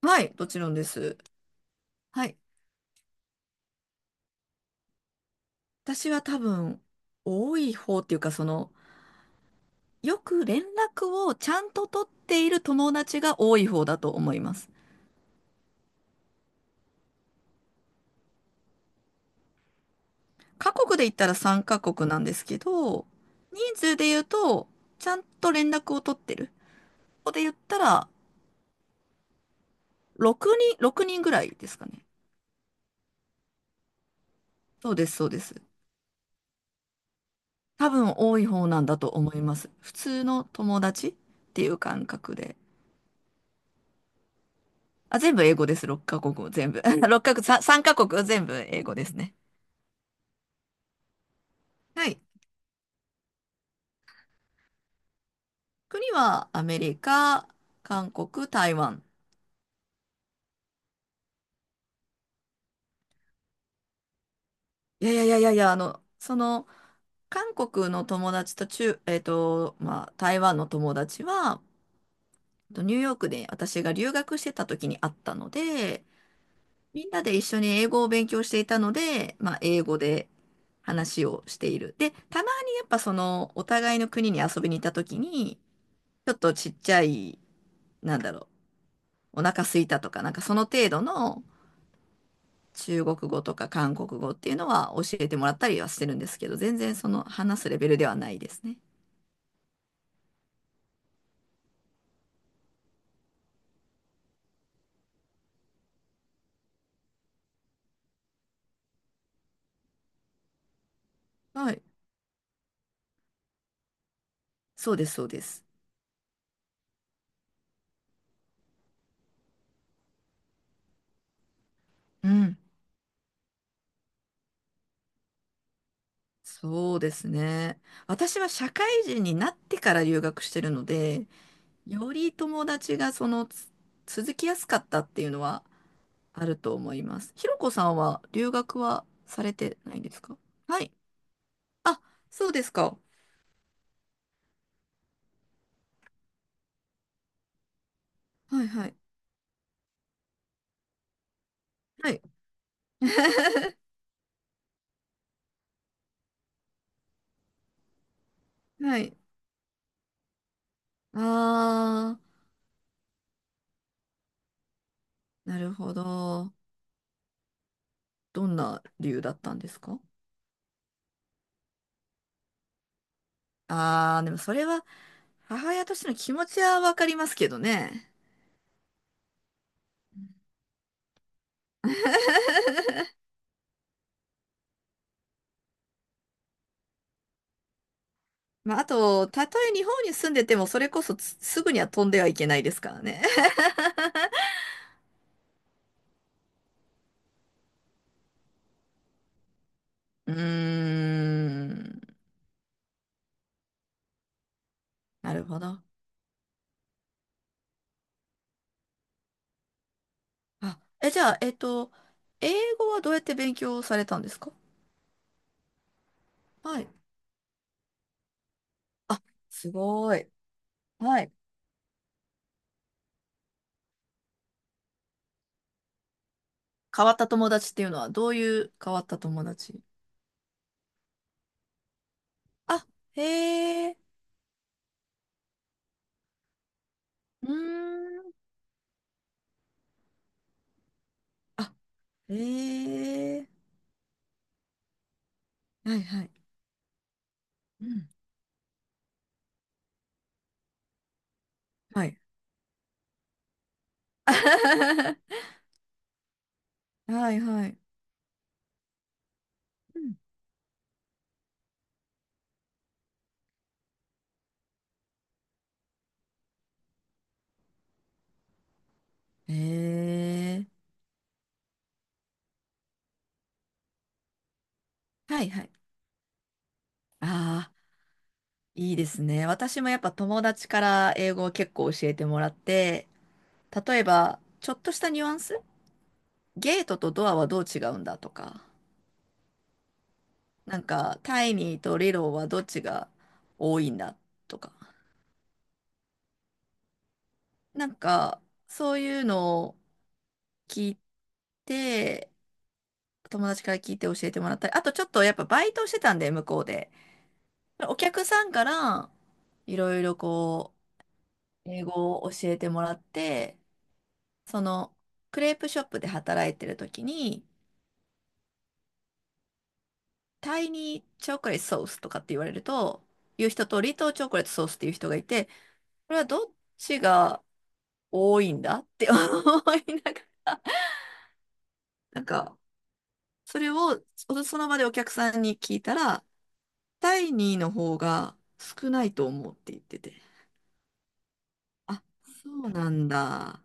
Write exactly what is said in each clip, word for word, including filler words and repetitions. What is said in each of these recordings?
はい、もちろんです。はい。私は多分、多い方っていうか、その、よく連絡をちゃんと取っている友達が多い方だと思います。各国で言ったらさんカ国なんですけど、人数で言うと、ちゃんと連絡を取ってる。ここで言ったら、ろくにん、ろくにんぐらいですかね。そうです、そうです。多分多い方なんだと思います。普通の友達っていう感覚で。あ、全部英語です。ろっカ国全部。ろっカ国、さん、カ国全部英語ですね。はい。国はアメリカ、韓国、台湾。いやいやいやいやいや、あの、その、韓国の友達と中、えっと、まあ、台湾の友達は、えっとニューヨークで私が留学してた時に会ったので、みんなで一緒に英語を勉強していたので、まあ、英語で話をしている。で、たまにやっぱその、お互いの国に遊びに行った時に、ちょっとちっちゃい、なんだろう、お腹空いたとか、なんかその程度の、中国語とか韓国語っていうのは教えてもらったりはしてるんですけど、全然その話すレベルではないですね。はい。そうです、そうです。うん。そうですね。私は社会人になってから留学してるので、より友達がそのつ続きやすかったっていうのはあると思います。ひろこさんは留学はされてないんですか？はい。あ、そうですか。はいはい。はい。はい。あー、なるほど。どんな理由だったんですか？ああー、でもそれは母親としての気持ちはわかりますけどね。まあ、あと、たとえ日本に住んでても、それこそつすぐには飛んではいけないですからね。うーん。なるほど。あ、え、じゃあ、えっと、英語はどうやって勉強されたんですか？はい。あ、すごい。はい。変わった友達っていうのは、どういう変わった友達？あ、へえ。うーん。あ、へえ。はいはい。うん。はい。はいはい。うん。ええ。はいはい。ああ、いいですね。私もやっぱ友達から英語を結構教えてもらって、例えば、ちょっとしたニュアンス、ゲートとドアはどう違うんだとか、なんか、タイニーとリローはどっちが多いんだとか、なんか、そういうのを聞いて、友達から聞いて教えてもらったり、あとちょっとやっぱバイトをしてたんで、向こうで。お客さんからいろいろこう、英語を教えてもらって、そのクレープショップで働いてる時に、タイニーチョコレートソースとかって言われると、いう人とリトーチョコレートソースっていう人がいて、これはどっちが多いんだって思いながら、なんか、それをそその場でお客さんに聞いたら、タイニーの方が少ないと思うって言ってて、あ、そうなんだ。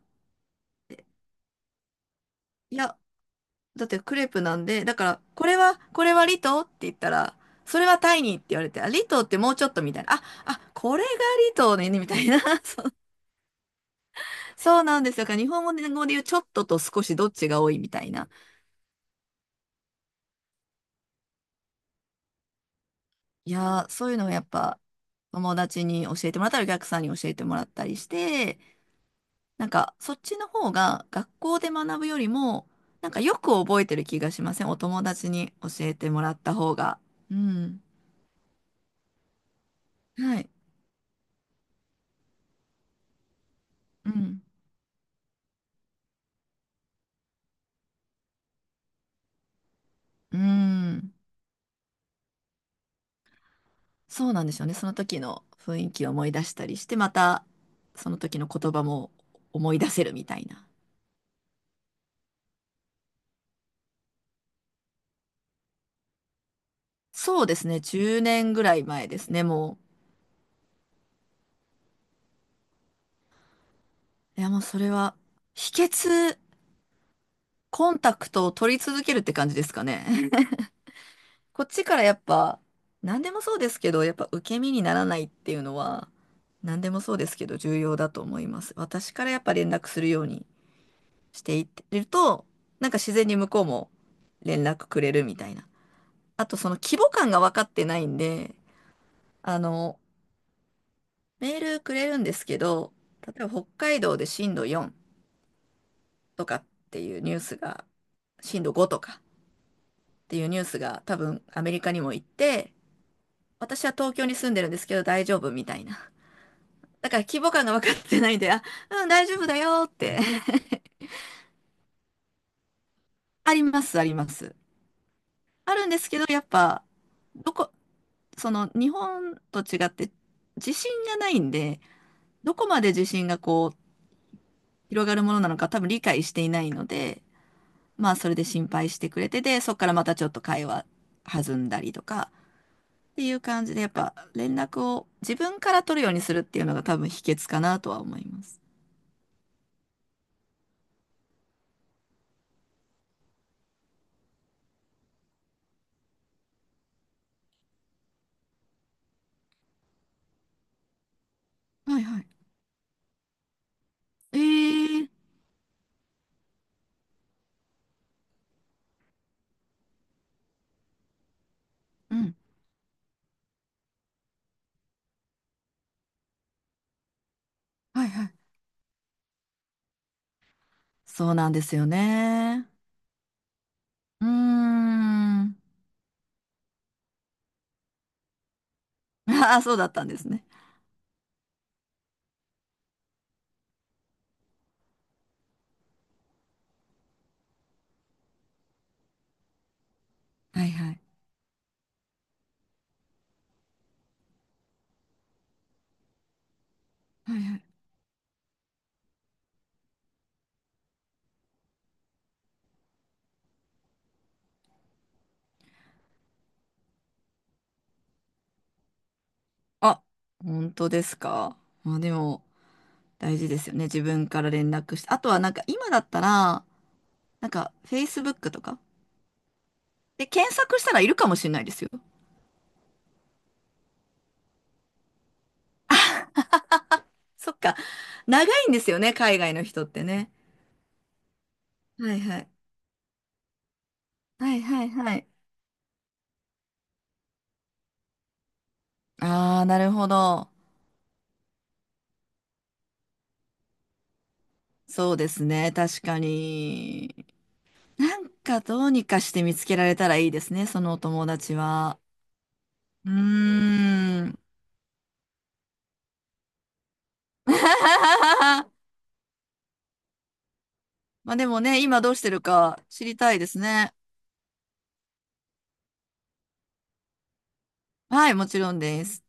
いや、だってクレープなんで、だから、これは、これはリトーって言ったら、それはタイニーって言われて、あ、リトーってもうちょっとみたいな。あ、あ、これがリトーね、みたいな。そう、そうなんですよ。だから日本語で語で言うちょっとと少しどっちが多いみたいな。いやー、そういうのをやっぱ友達に教えてもらったり、お客さんに教えてもらったりして、なんかそっちの方が学校で学ぶよりも、なんかよく覚えてる気がしません？お友達に教えてもらった方が。うん。はい。うん。うん。そうなんですよね。その時の雰囲気を思い出したりして、またその時の言葉も思い出せるみたいな。そうですね。じゅうねんぐらい前ですね、もう。いや、もうそれは、秘訣、コンタクトを取り続けるって感じですかね。こっちからやっぱ、何でもそうですけど、やっぱ受け身にならないっていうのは、何でもそうですけど、重要だと思います。私からやっぱ連絡するようにしていってると、なんか自然に向こうも連絡くれるみたいな。あとその規模感が分かってないんで、あの、メールくれるんですけど、例えば北海道で震度よんとかっていうニュースが、震度ごとかっていうニュースが多分アメリカにも行って、私は東京に住んでるんですけど大丈夫みたいな。だから規模感が分かってないんで、あ、うん、大丈夫だよって あります、あります。あるんですけど、やっぱ、どこ、その日本と違って地震がないんで、どこまで地震がこう広がるものなのか多分理解していないので、まあそれで心配してくれて、で、そっからまたちょっと会話弾んだりとかっていう感じで、やっぱ連絡を自分から取るようにするっていうのが多分秘訣かなとは思います。はいはい。ええ。うん。はいはい。そうなんですよね。うーん。ああ、そうだったんですね。はいはい。はいはい。あ、本当ですか。まあでも、大事ですよね。自分から連絡して。あとはなんか今だったら、なんか、Facebook とか。で、検索したらいるかもしれないですよ。そっか。長いんですよね、海外の人ってね。はいはい。はいはいはい。ああ、なるほど。そうですね、確かに。なんかどうにかして見つけられたらいいですね、そのお友達は。うーん。まあでもね、今どうしてるか知りたいですね。はい、もちろんです。